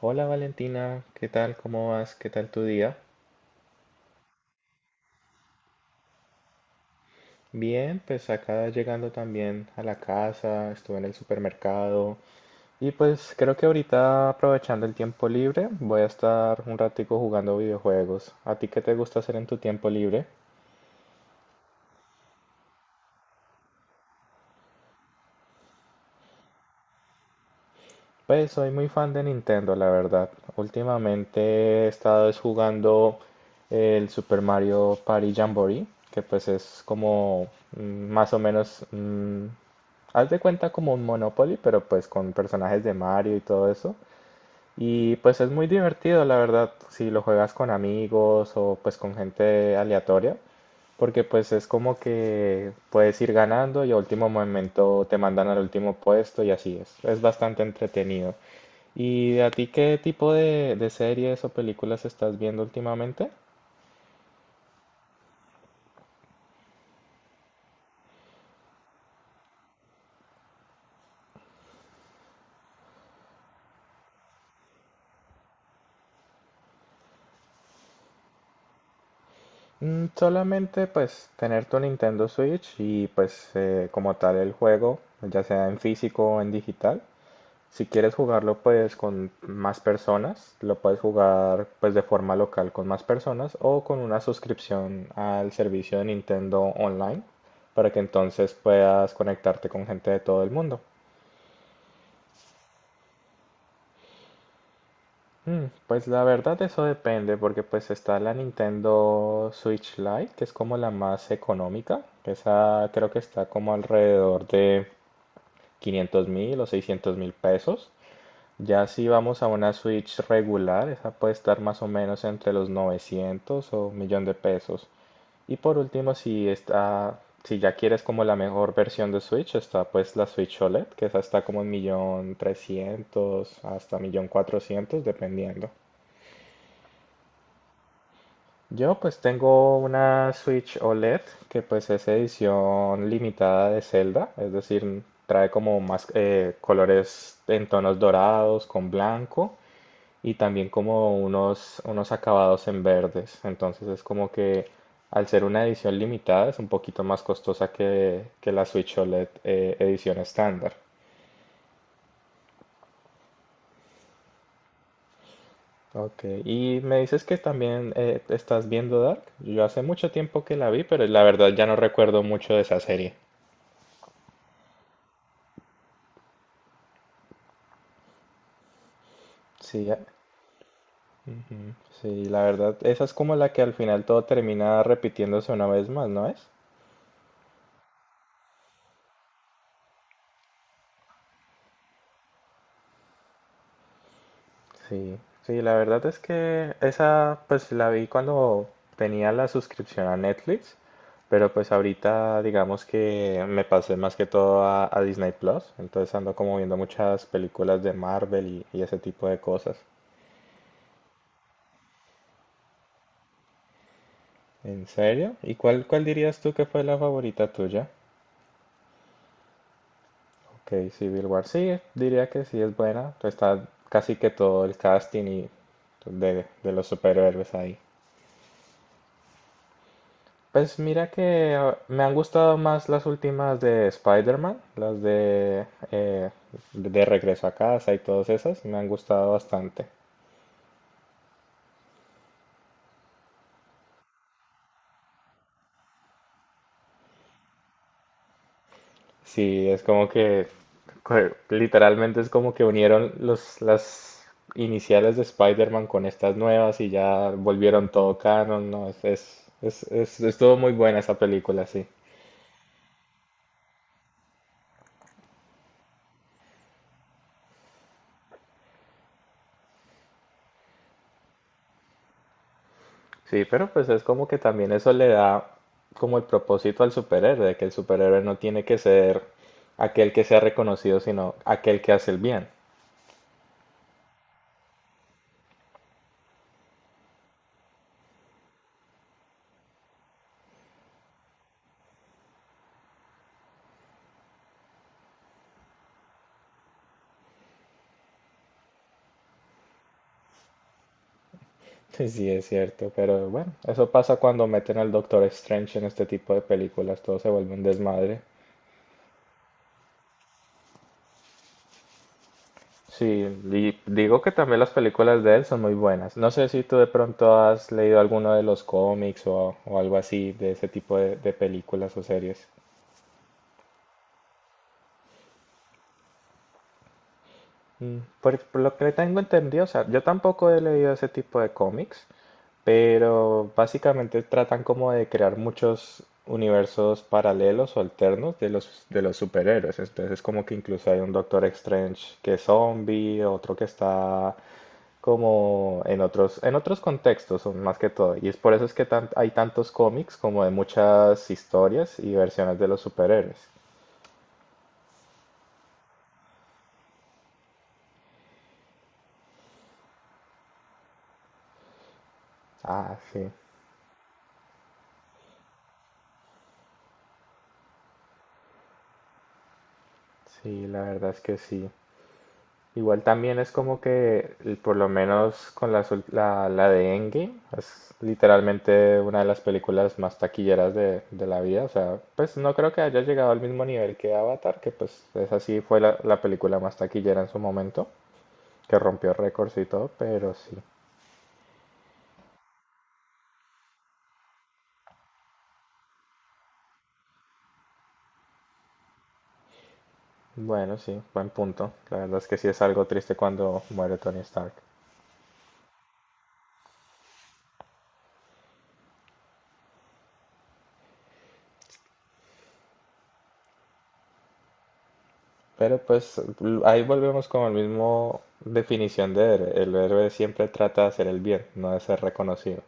Hola Valentina, ¿qué tal? ¿Cómo vas? ¿Qué tal tu día? Bien, pues acá llegando también a la casa, estuve en el supermercado y pues creo que ahorita aprovechando el tiempo libre voy a estar un ratico jugando videojuegos. ¿A ti qué te gusta hacer en tu tiempo libre? Pues soy muy fan de Nintendo, la verdad. Últimamente he estado es jugando el Super Mario Party Jamboree, que pues es como mm, más o menos, mm, haz de cuenta como un Monopoly, pero pues con personajes de Mario y todo eso. Y pues es muy divertido, la verdad, si lo juegas con amigos o pues con gente aleatoria, porque pues es como que puedes ir ganando y a último momento te mandan al último puesto y así es. Es bastante entretenido. ¿Y a ti qué tipo de series o películas estás viendo últimamente? Mm, solamente pues tener tu Nintendo Switch y pues como tal el juego, ya sea en físico o en digital. Si quieres jugarlo pues con más personas, lo puedes jugar pues de forma local con más personas o con una suscripción al servicio de Nintendo Online para que entonces puedas conectarte con gente de todo el mundo. Mm, pues la verdad eso depende porque pues está la Nintendo Switch Lite que es como la más económica, que esa creo que está como alrededor de 500 mil o 600 mil pesos. Ya si vamos a una Switch regular, esa puede estar más o menos entre los 900 o un millón de pesos. Y por último, si ya quieres como la mejor versión de Switch, está pues la Switch OLED, que esa está como en millón 300 hasta millón 400 dependiendo. Yo pues tengo una Switch OLED que pues es edición limitada de Zelda, es decir, trae como más colores en tonos dorados con blanco y también como unos acabados en verdes. Entonces es como que al ser una edición limitada es un poquito más costosa que la Switch OLED, edición estándar. Ok, y me dices que también estás viendo Dark. Yo hace mucho tiempo que la vi, pero la verdad ya no recuerdo mucho de esa serie. Sí, a- Ujú. Sí, la verdad, esa es como la que al final todo termina repitiéndose una vez más, ¿no es? Sí, sí, la verdad es que esa pues la vi cuando tenía la suscripción a Netflix, pero pues ahorita digamos que me pasé más que todo a Disney Plus, entonces ando como viendo muchas películas de Marvel y ese tipo de cosas. ¿En serio? ¿Y cuál dirías tú que fue la favorita tuya? Ok, Civil War, sí, diría que sí es buena. Está casi que todo el casting y de los superhéroes ahí. Pues mira que me han gustado más las últimas de Spider-Man, eh, de Regreso a Casa y todas esas, me han gustado bastante. Sí, es como que literalmente es como que unieron las iniciales de Spider-Man con estas nuevas y ya volvieron todo canon, ¿no? Estuvo muy buena esa película, sí. Sí, pero pues es como que también eso le da como el propósito al superhéroe, de que el superhéroe no tiene que ser aquel que sea reconocido, sino aquel que hace el bien. Sí, sí, es cierto, pero bueno, eso pasa cuando meten al Doctor Strange en este tipo de películas, todo se vuelve un desmadre. Sí, y digo que también las películas de él son muy buenas. No sé si tú de pronto has leído alguno de los cómics o algo así de ese tipo de películas o series. Mm, por lo que tengo entendido, o sea, yo tampoco he leído ese tipo de cómics, pero básicamente tratan como de crear muchos universos paralelos o alternos de de los superhéroes. Entonces, como que incluso hay un Doctor Strange que es zombie, otro que está como en en otros contextos son más que todo. Y es por eso es que hay tantos cómics como de muchas historias y versiones de los superhéroes. Ah, sí, sí, la verdad es que sí. Igual también es como por lo menos con las ul- la, de Endgame, es literalmente una de las películas más taquilleras de la vida. O sea, pues no creo que haya llegado al mismo nivel que Avatar, que pues esa sí fue la película más taquillera en su momento, que rompió récords y todo, pero sí. Bueno, sí, buen punto. La verdad es que sí es algo triste cuando muere Tony Stark. Pero pues ahí volvemos con la mismo definición de héroe. El héroe siempre trata de hacer el bien, no de ser reconocido.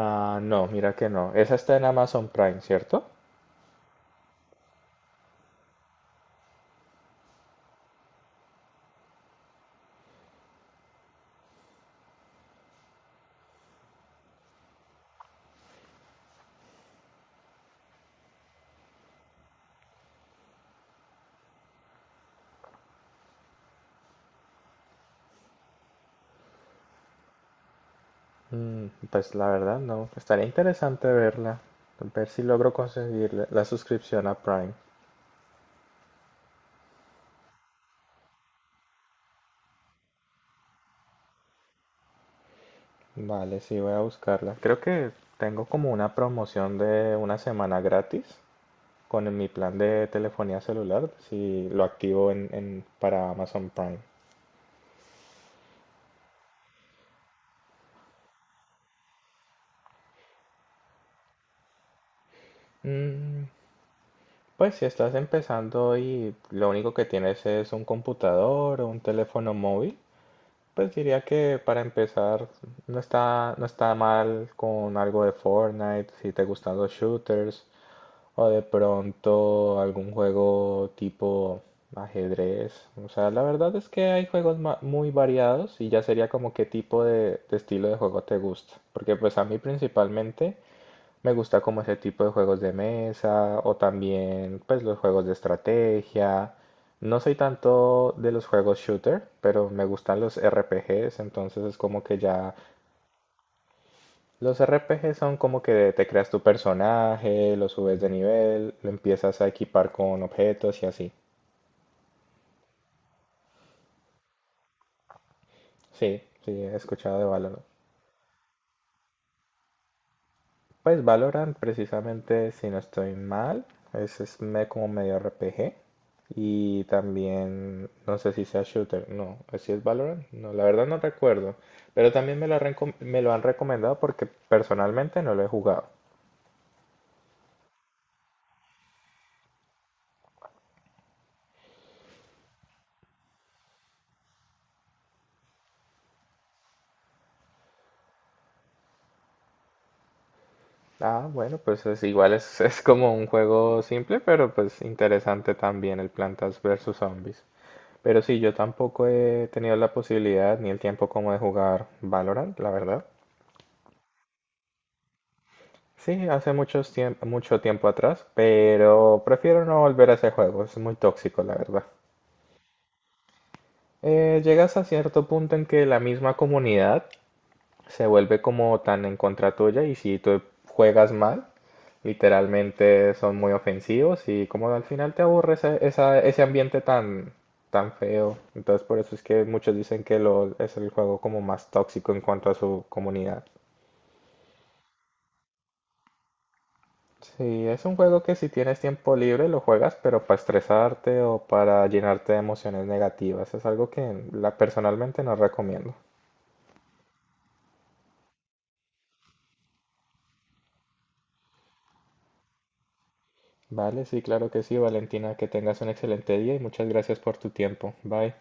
Ah, no, mira que no. Esa está en Amazon Prime, ¿cierto? Mm, pues la verdad no. Estaría interesante verla. Ver si logro conseguir la suscripción a Prime. Vale, sí, voy a buscarla. Creo que tengo como una promoción de una semana gratis con mi plan de telefonía celular, si lo activo para Amazon Prime. Mm, pues si estás empezando y lo único que tienes es un computador o un teléfono móvil, pues diría que para empezar no está mal con algo de Fortnite, si te gustan los shooters. O de pronto algún juego tipo ajedrez. O sea, la verdad es que hay juegos muy variados y ya sería como qué tipo de estilo de juego te gusta. Porque pues a mí principalmente me gusta como ese tipo de juegos de mesa o también pues los juegos de estrategia. No soy tanto de los juegos shooter, pero me gustan los RPGs, entonces es como que ya los RPG son como que te creas tu personaje, lo subes de nivel, lo empiezas a equipar con objetos y así. Sí, sí, he escuchado de Valorant. Pues Valorant, precisamente, si no estoy mal, como medio RPG. Y también, no sé si sea shooter, no, si es Valorant, no, la verdad no recuerdo. Pero también me lo han recomendado porque personalmente no lo he jugado. Ah, bueno, pues es igual, es, es como un juego simple, pero pues interesante también el Plantas versus Zombies. Pero sí, yo tampoco he tenido la posibilidad ni el tiempo como de jugar Valorant, la verdad. Sí, hace mucho tiempo atrás, pero prefiero no volver a ese juego, es muy tóxico, la verdad. Llegas a cierto punto en que la misma comunidad se vuelve como tan en contra tuya y si tú juegas mal, literalmente son muy ofensivos y como al final te aburre ese ambiente tan, tan feo. Entonces por eso es que muchos dicen que LOL es el juego como más tóxico en cuanto a su comunidad. Sí, es un juego que si tienes tiempo libre lo juegas, pero para estresarte o para llenarte de emociones negativas. Es algo que personalmente no recomiendo. Vale, sí, claro que sí, Valentina, que tengas un excelente día y muchas gracias por tu tiempo. Bye.